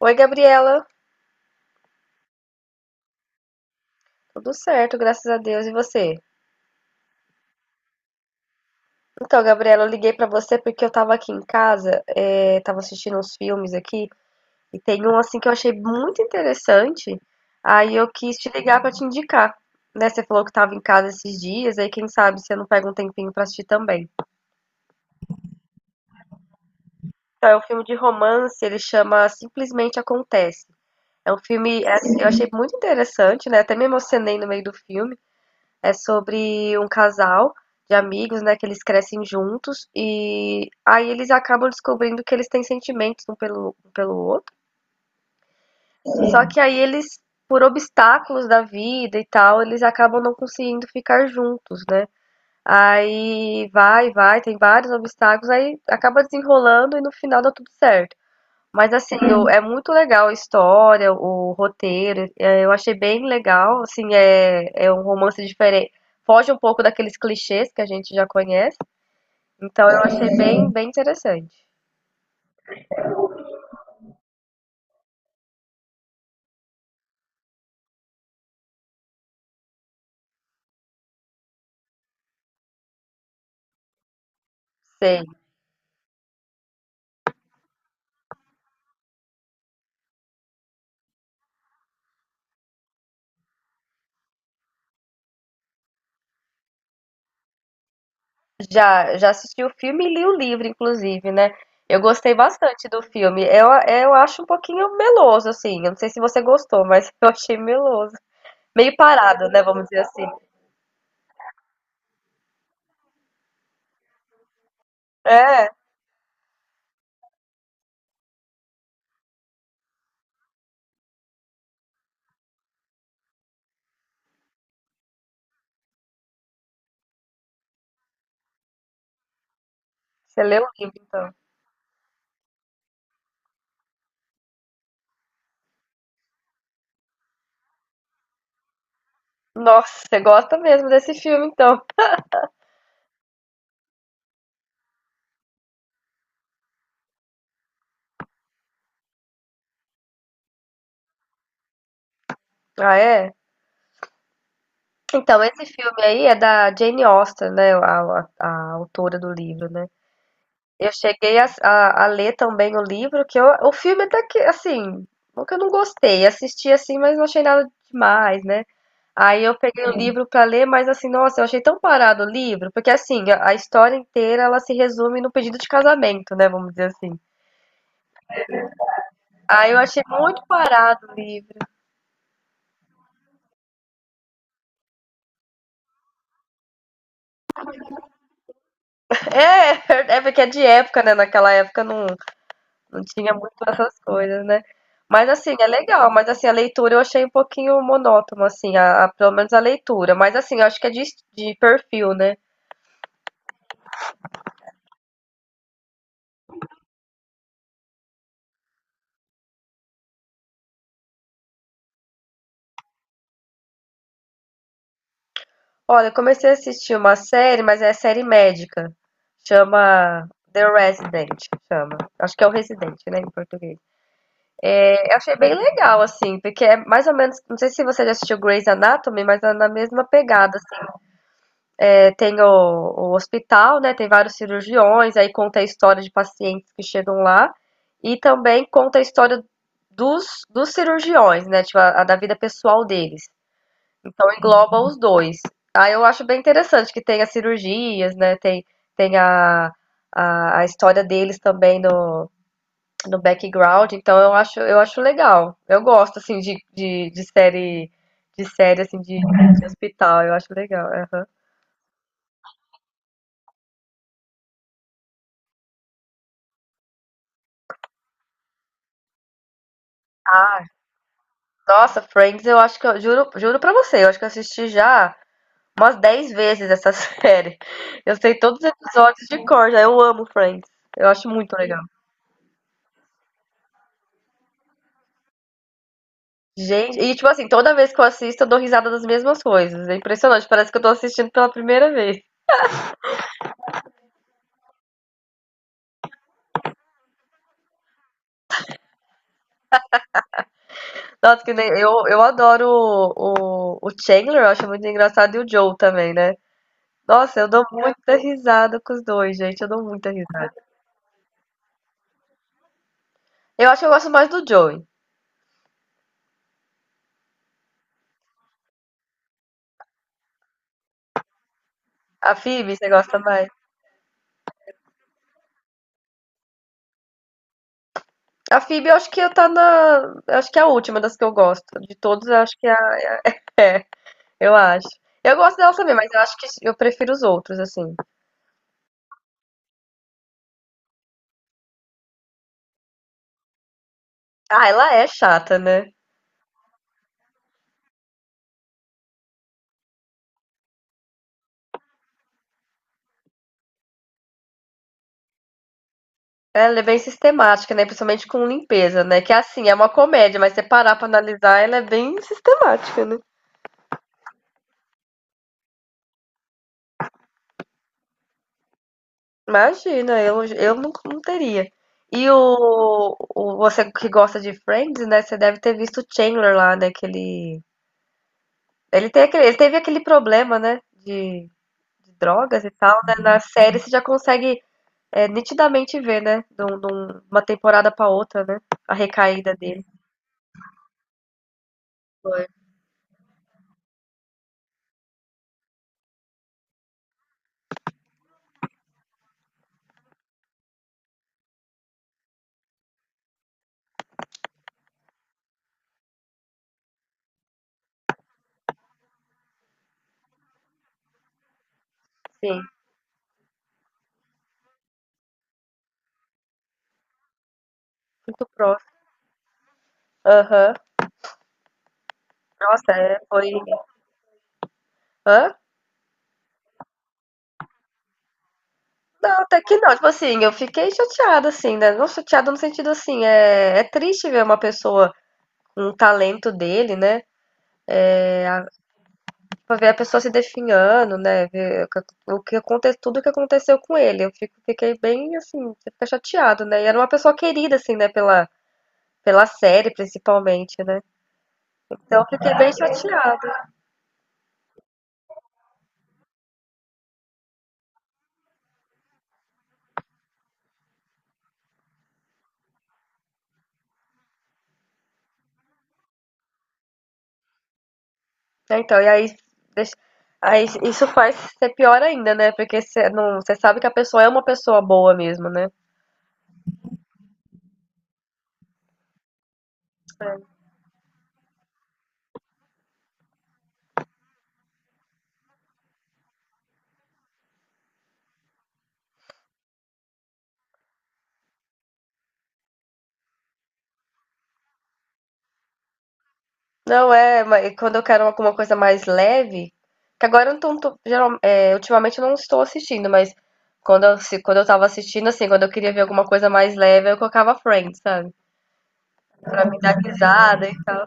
Oi, Gabriela. Tudo certo, graças a Deus. E você? Então, Gabriela, eu liguei pra você porque eu tava aqui em casa, tava assistindo uns filmes aqui, e tem um assim que eu achei muito interessante. Aí eu quis te ligar pra te indicar, né? Você falou que tava em casa esses dias, aí quem sabe você não pega um tempinho pra assistir também. Então, é um filme de romance, ele chama Simplesmente Acontece. É um filme, é, assim, eu achei muito interessante, né? Até me emocionei no meio do filme. É sobre um casal de amigos, né, que eles crescem juntos e aí eles acabam descobrindo que eles têm sentimentos um pelo outro. Só que aí eles, por obstáculos da vida e tal, eles acabam não conseguindo ficar juntos, né? Aí vai, tem vários obstáculos, aí acaba desenrolando e no final dá tudo certo. Mas assim, é muito legal a história, o roteiro, é, eu achei bem legal, assim, é, é um romance diferente, foge um pouco daqueles clichês que a gente já conhece, então eu achei bem interessante. Sei, já assisti o filme e li o livro, inclusive, né? Eu gostei bastante do filme, eu acho um pouquinho meloso, assim, eu não sei se você gostou, mas eu achei meloso, meio parado, né, vamos dizer assim. É, você leu o livro, então. Nossa, você gosta mesmo desse filme, então. Ah, é? Então, esse filme aí é da Jane Austen, né? A autora do livro, né? Eu cheguei a ler também o livro, que eu, o filme até que, assim, não que eu não gostei. Assisti assim, mas não achei nada demais, né? Aí eu peguei o, Sim, livro pra ler, mas assim, nossa, eu achei tão parado o livro, porque assim, a história inteira ela se resume no pedido de casamento, né? Vamos dizer assim. Aí eu achei muito parado o livro. É, é porque é de época, né? Naquela época não. Não tinha muito essas coisas, né. Mas assim, é legal, mas assim, a leitura eu achei um pouquinho monótono, assim, a pelo menos a leitura. Mas assim, eu acho que é de perfil, né. Olha, eu comecei a assistir uma série, mas é série médica. Chama The Resident, chama. Acho que é o Residente, né, em português. É, eu achei bem legal, assim, porque é mais ou menos não sei se você já assistiu Grey's Anatomy, mas é na mesma pegada, tem o hospital, né? Tem vários cirurgiões, aí conta a história de pacientes que chegam lá e também conta a história dos cirurgiões, né? Tipo, a da vida pessoal deles. Então engloba os dois. Aí eu acho bem interessante que tem as cirurgias, né? Tem, tem a história deles também no background. Então eu acho legal. Eu gosto assim de série de série assim de hospital. Eu acho legal. Aham. Ah, nossa, Friends, eu acho que eu juro, pra você, eu acho que eu assisti já umas 10 vezes essa série. Eu sei todos os episódios de cor, já. Eu amo Friends. Eu acho muito legal. Gente, e tipo assim, toda vez que eu assisto, eu dou risada das mesmas coisas. É impressionante, parece que eu tô assistindo pela primeira vez. Nossa, que nem, eu adoro o Chandler, eu acho muito engraçado, e o Joe também, né? Nossa, eu dou muita risada com os dois, gente. Eu dou muita risada. Eu acho que eu gosto mais do Joey. A Phoebe, você gosta mais? A Phoebe, eu acho que tá na. Eu Acho que é a última das que eu gosto. De todos, eu acho que é. Eu acho. Eu gosto dela também, mas eu acho que eu prefiro os outros, assim. Ah, ela é chata, né? Ela é bem sistemática, né? Principalmente com limpeza, né? Que é assim, é uma comédia, mas se você parar pra analisar, ela é bem sistemática, né? Imagina, eu não, não teria. Você que gosta de Friends, né? Você deve ter visto o Chandler lá, né? Que ele. Ele, tem aquele, ele teve aquele problema, né? De drogas e tal, né? Na série você já consegue é, nitidamente ver, né? Uma temporada pra outra, né? A recaída dele. Sim, muito próximo. Aham. Nossa, é, foi. Hã? Não, até que não. Tipo assim, eu fiquei chateada, assim, né? Não chateada no sentido assim, é, é triste ver uma pessoa com um talento dele, né? Pra ver a pessoa se definhando, né? Ver o que aconteceu, tudo o que aconteceu com ele. Eu fiquei bem assim, você fica chateado, né? E era uma pessoa querida, assim, né, pela série, principalmente, né? Então eu fiquei bem chateada. Então, e aí, isso faz ser pior ainda, né? Porque você não, você sabe que a pessoa é uma pessoa boa mesmo, né? Não é, mas quando eu quero alguma coisa mais leve, que agora eu não ultimamente eu não estou assistindo, mas quando eu, se, quando eu tava assistindo, assim, quando eu queria ver alguma coisa mais leve, eu colocava Friends, sabe? Pra me dar risada e tal.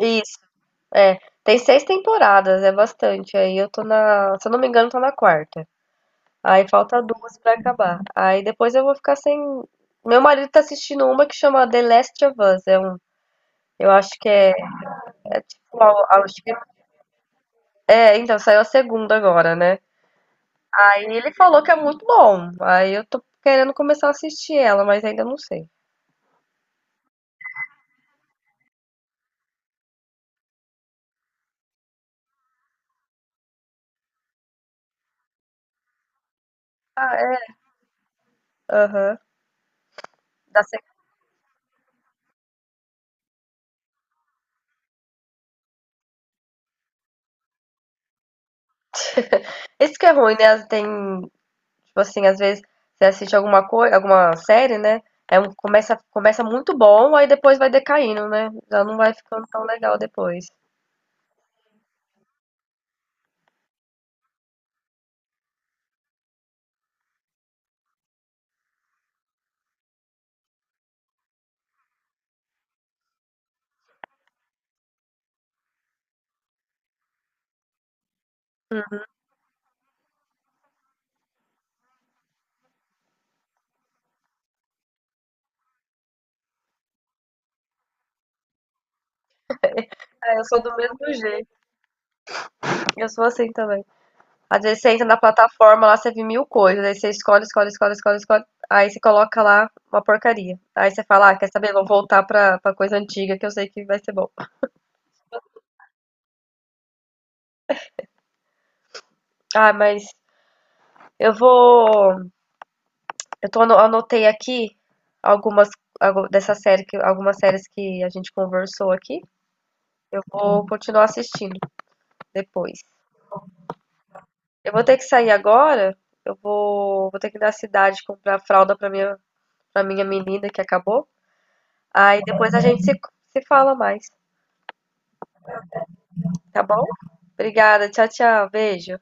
Isso, é. Tem seis temporadas, é bastante. Aí eu tô na, se eu não me engano, tô na quarta. Aí falta duas pra acabar. Aí depois eu vou ficar sem. Meu marido tá assistindo uma que chama The Last of Us. É um, eu acho que é, é tipo, acho que então saiu a segunda agora, né? Aí ele falou que é muito bom. Aí eu tô querendo começar a assistir ela, mas ainda não sei. Ah, é? Aham. Dá se- Isso que é ruim, né? Tem, tipo assim, às vezes você assiste alguma coisa, alguma série, né? É um, começa muito bom, aí depois vai decaindo, né? Já não vai ficando tão legal depois. É, eu sou do mesmo jeito. Eu sou assim também. Às vezes você entra na plataforma lá, você vê mil coisas. Aí você escolhe, escolhe, escolhe, escolhe, escolhe. Aí você coloca lá uma porcaria. Aí você fala, ah, quer saber? Vou voltar pra, coisa antiga que eu sei que vai ser bom. Ah, mas eu vou. Anotei aqui algumas dessa série, que, algumas séries que a gente conversou aqui. Eu vou continuar assistindo depois. Eu vou ter que sair agora. Eu vou, vou ter que ir na cidade comprar fralda pra minha, menina que acabou. Aí depois a gente se fala mais, tá bom? Obrigada, tchau, tchau, beijo.